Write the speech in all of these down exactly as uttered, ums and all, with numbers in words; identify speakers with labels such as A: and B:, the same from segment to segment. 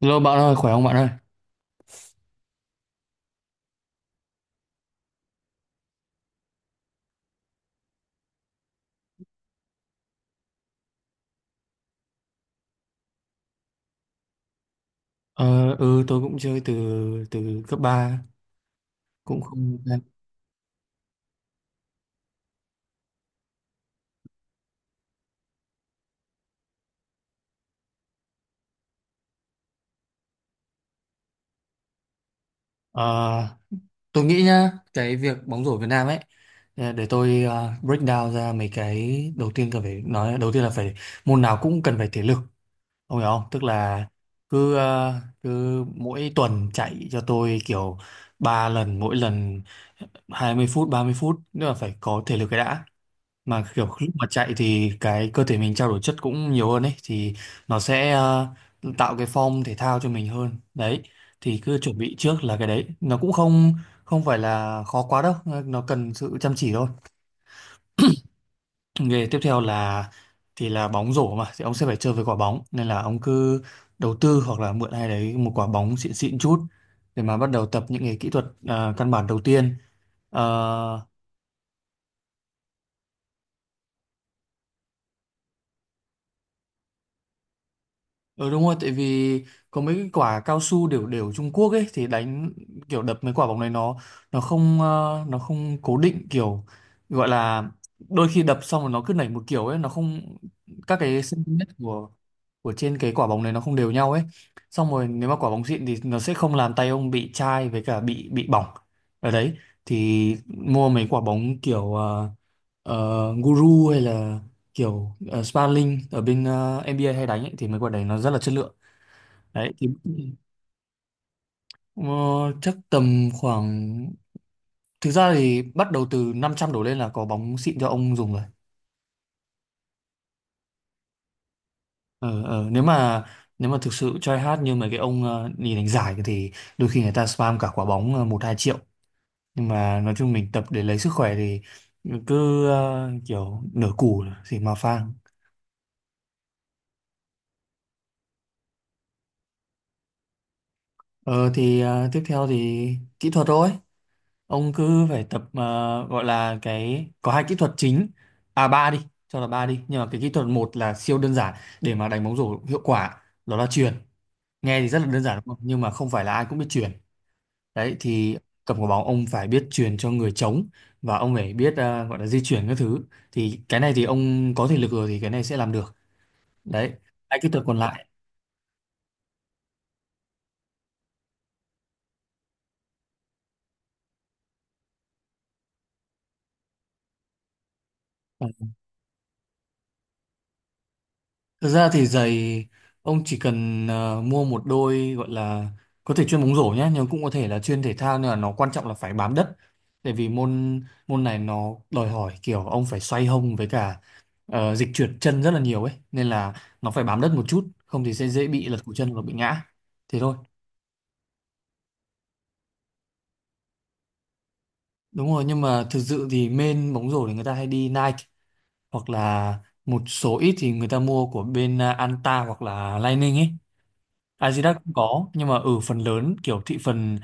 A: Hello bạn ơi, khỏe không bạn ơi? Ờ, ừ, tôi cũng chơi từ từ cấp ba cũng không. Ờ, tôi nghĩ nhá, cái việc bóng rổ Việt Nam ấy, ờ, để tôi ờ, break down ra mấy cái đầu tiên, cần phải nói đầu tiên là phải môn nào cũng cần phải thể lực, ông hiểu không? Tức là cứ ờ, cứ mỗi tuần chạy cho tôi kiểu ba lần, mỗi lần hai mươi phút, ba mươi phút, nữa là phải có thể lực cái đã. Mà kiểu lúc mà chạy thì cái cơ thể mình trao đổi chất cũng nhiều hơn ấy, thì nó sẽ ờ, tạo cái form thể thao cho mình hơn đấy, thì cứ chuẩn bị trước là cái đấy nó cũng không không phải là khó quá đâu, nó cần sự chăm chỉ thôi. Nghề tiếp theo là, thì là bóng rổ mà thì ông sẽ phải chơi với quả bóng, nên là ông cứ đầu tư hoặc là mượn ai đấy một quả bóng xịn xịn chút, để mà bắt đầu tập những cái kỹ thuật ờ, căn bản đầu tiên. Ờ. Ừ, đúng rồi, tại vì có mấy cái quả cao su đều đều Trung Quốc ấy, thì đánh kiểu đập mấy quả bóng này nó nó không, ờ, nó không cố định, kiểu gọi là đôi khi đập xong rồi nó cứ nảy một kiểu ấy, nó không các cái cm của của trên cái quả bóng này nó không đều nhau ấy. Xong rồi nếu mà quả bóng xịn thì nó sẽ không làm tay ông bị chai với cả bị bị bỏng ở đấy. Thì mua mấy quả bóng kiểu ờ, ờ, guru hay là kiểu uh, Sparling ở bên ờ, en bê a hay đánh ấy, thì mấy quả đấy nó rất là chất lượng. Đấy thì ờ, chắc tầm khoảng, thực ra thì bắt đầu từ năm trăm đổ lên là có bóng xịn cho ông dùng rồi. ờ, ờ, nếu mà nếu mà thực sự try hard như mấy cái ông ờ, đi đánh giải thì đôi khi người ta spam cả quả bóng ờ, một hai triệu, nhưng mà nói chung mình tập để lấy sức khỏe thì cứ ờ, kiểu nửa củ thì mà phang. Ờ thì ờ, tiếp theo thì kỹ thuật thôi. Ông cứ phải tập ờ, gọi là cái, có hai kỹ thuật chính. À ba đi, cho là ba đi. Nhưng mà cái kỹ thuật một là siêu đơn giản để mà đánh bóng rổ hiệu quả, đó là chuyền. Nghe thì rất là đơn giản đúng không? Nhưng mà không phải là ai cũng biết chuyền. Đấy thì cầm quả bóng ông phải biết chuyền cho người trống, và ông phải biết ờ, gọi là di chuyển các thứ. Thì cái này thì ông có thể lực rồi thì cái này sẽ làm được. Đấy. Hai kỹ thuật còn lại. Thực ra thì giày ông chỉ cần ờ, mua một đôi, gọi là có thể chuyên bóng rổ nhé, nhưng cũng có thể là chuyên thể thao, nhưng mà nó quan trọng là phải bám đất. Tại vì môn môn này nó đòi hỏi kiểu ông phải xoay hông với cả ờ, dịch chuyển chân rất là nhiều ấy, nên là nó phải bám đất một chút, không thì sẽ dễ bị lật cổ chân hoặc bị ngã, thế thôi. Đúng rồi, nhưng mà thực sự thì main bóng rổ thì người ta hay đi Nike, hoặc là một số ít thì người ta mua của bên ờ, Anta hoặc là Lining ấy. Adidas cũng có nhưng mà ở phần lớn kiểu thị phần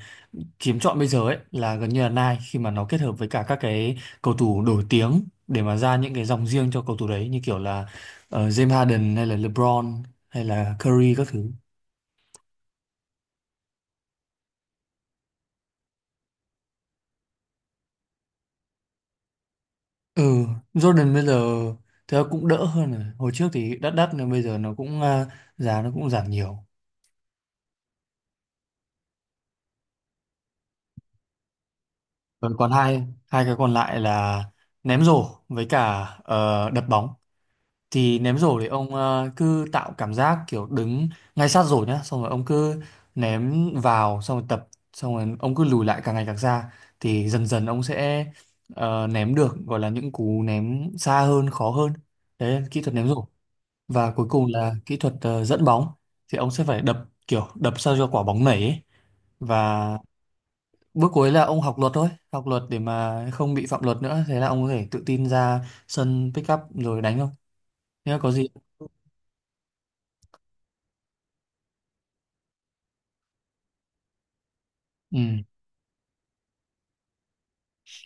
A: chiếm trọn bây giờ ấy là gần như là Nike, khi mà nó kết hợp với cả các cái cầu thủ nổi tiếng để mà ra những cái dòng riêng cho cầu thủ đấy như kiểu là ờ, James Harden hay là LeBron hay là Curry các thứ. Ừ, Jordan bây giờ thì cũng đỡ hơn rồi. Hồi trước thì đắt đắt nhưng bây giờ nó cũng à, giá nó cũng giảm nhiều. Còn còn hai hai cái còn lại là ném rổ với cả ờ, đập bóng. Thì ném rổ thì ông ờ, cứ tạo cảm giác kiểu đứng ngay sát rổ nhá, xong rồi ông cứ ném vào, xong rồi tập, xong rồi ông cứ lùi lại càng ngày càng xa, thì dần dần ông sẽ ờ, ném được, gọi là những cú ném xa hơn, khó hơn. Đấy là kỹ thuật ném rổ. Và cuối cùng là kỹ thuật ờ, dẫn bóng, thì ông sẽ phải đập, kiểu đập sao cho quả bóng nảy ấy. Và bước cuối là ông học luật thôi, học luật để mà không bị phạm luật nữa, thế là ông có thể tự tin ra sân pick up rồi đánh thôi, thế là có gì. Ừ.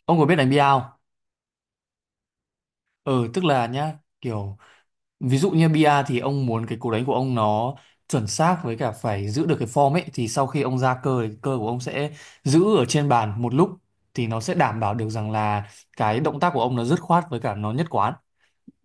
A: Ông có biết đánh bia không? Ừ, tức là nhá, kiểu ví dụ như bia thì ông muốn cái cú đánh của ông nó chuẩn xác với cả phải giữ được cái form ấy, thì sau khi ông ra cơ thì cơ của ông sẽ giữ ở trên bàn một lúc, thì nó sẽ đảm bảo được rằng là cái động tác của ông nó dứt khoát với cả nó nhất quán.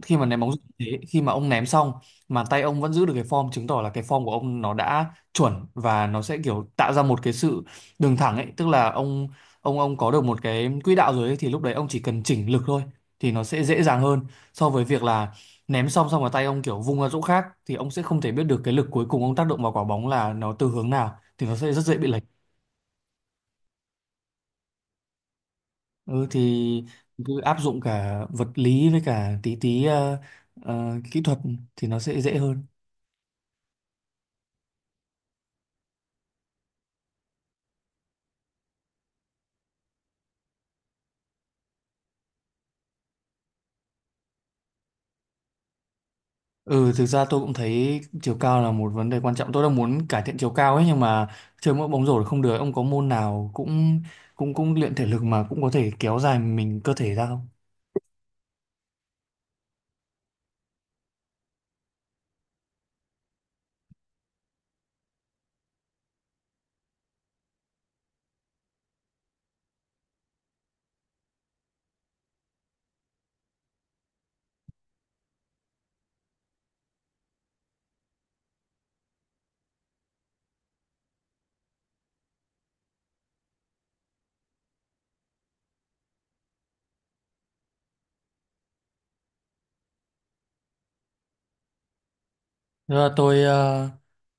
A: Khi mà ném bóng rổ như thế, khi mà ông ném xong mà tay ông vẫn giữ được cái form, chứng tỏ là cái form của ông nó đã chuẩn, và nó sẽ kiểu tạo ra một cái sự đường thẳng ấy, tức là ông, ông ông có được một cái quỹ đạo rồi ấy, thì lúc đấy ông chỉ cần chỉnh lực thôi, thì nó sẽ dễ dàng hơn so với việc là ném xong xong mà tay ông kiểu vung ra chỗ khác, thì ông sẽ không thể biết được cái lực cuối cùng ông tác động vào quả bóng là nó từ hướng nào, thì nó sẽ rất dễ bị lệch. Ừ, thì cứ áp dụng cả vật lý với cả tí tí ờ, ờ, kỹ thuật thì nó sẽ dễ hơn. Ừ, thực ra tôi cũng thấy chiều cao là một vấn đề quan trọng. Tôi đang muốn cải thiện chiều cao ấy nhưng mà chơi mỗi bóng rổ là không được. Ông có môn nào cũng cũng cũng luyện thể lực mà cũng có thể kéo dài mình cơ thể ra không? Ờ, tôi ờ,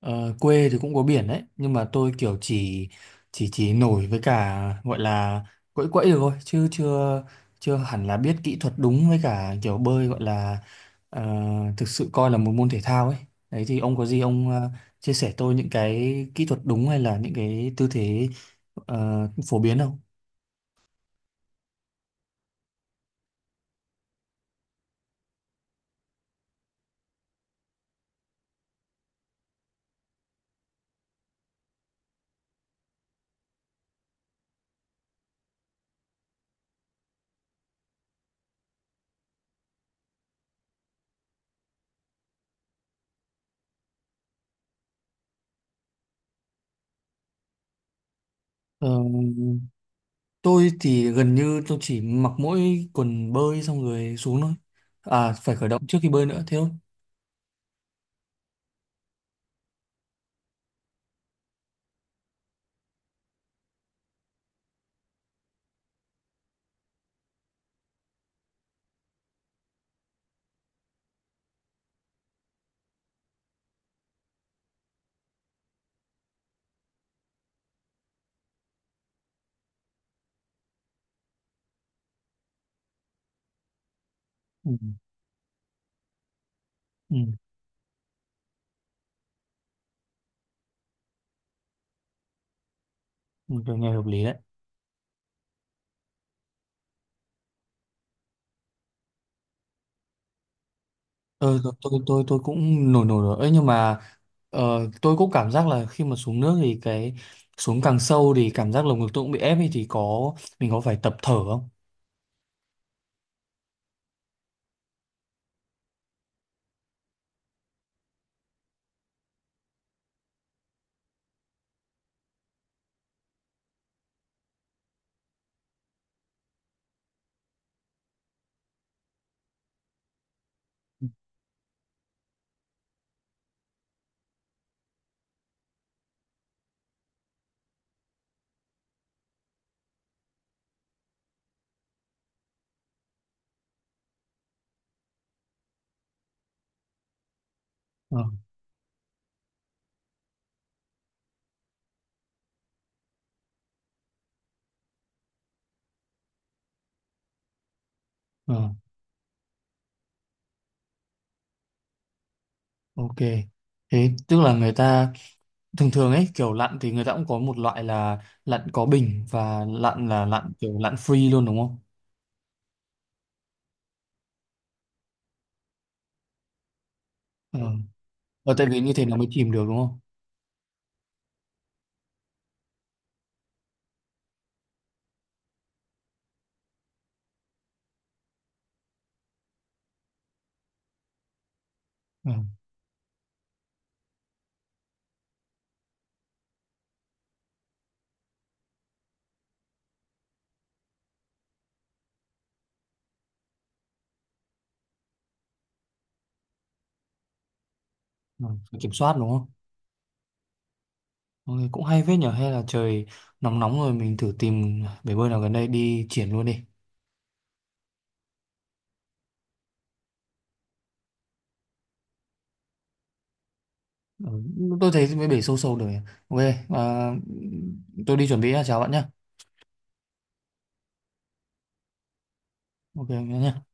A: ờ, quê thì cũng có biển đấy, nhưng mà tôi kiểu chỉ chỉ chỉ nổi với cả gọi là quẫy quẫy được thôi, chứ chưa chưa hẳn là biết kỹ thuật đúng với cả kiểu bơi, gọi là ờ, thực sự coi là một môn thể thao ấy. Đấy thì ông có gì ông ờ, chia sẻ tôi những cái kỹ thuật đúng hay là những cái tư thế ờ, phổ biến không? Ờ, tôi thì gần như tôi chỉ mặc mỗi quần bơi xong rồi xuống thôi, à phải khởi động trước khi bơi nữa, thế thôi. Ừ. Ừ, tôi nghe hợp lý đấy. Tôi tôi tôi tôi, tôi cũng nổi nổi rồi. Ấy nhưng mà ờ, tôi cũng cảm giác là khi mà xuống nước thì cái, xuống càng sâu thì cảm giác lồng ngực tôi cũng bị ép ấy, thì có mình có phải tập thở không? Ờ, ờ, ok. Thế tức là người ta thường thường ấy kiểu lặn thì người ta cũng có một loại là lặn có bình và lặn là lặn kiểu lặn free luôn đúng không? Ờ. Ờ, tại vì như thế nó mới chìm được đúng không? Ờ, ờ, phải kiểm soát đúng không? Mọi cũng hay phết nhở, hay là trời nóng nóng rồi mình thử tìm bể bơi nào gần đây đi triển luôn đi. Ừ, tôi thấy mấy bể sâu sâu rồi. Ok. À, tôi đi chuẩn bị nhá, chào bạn nhá. Ok nhá.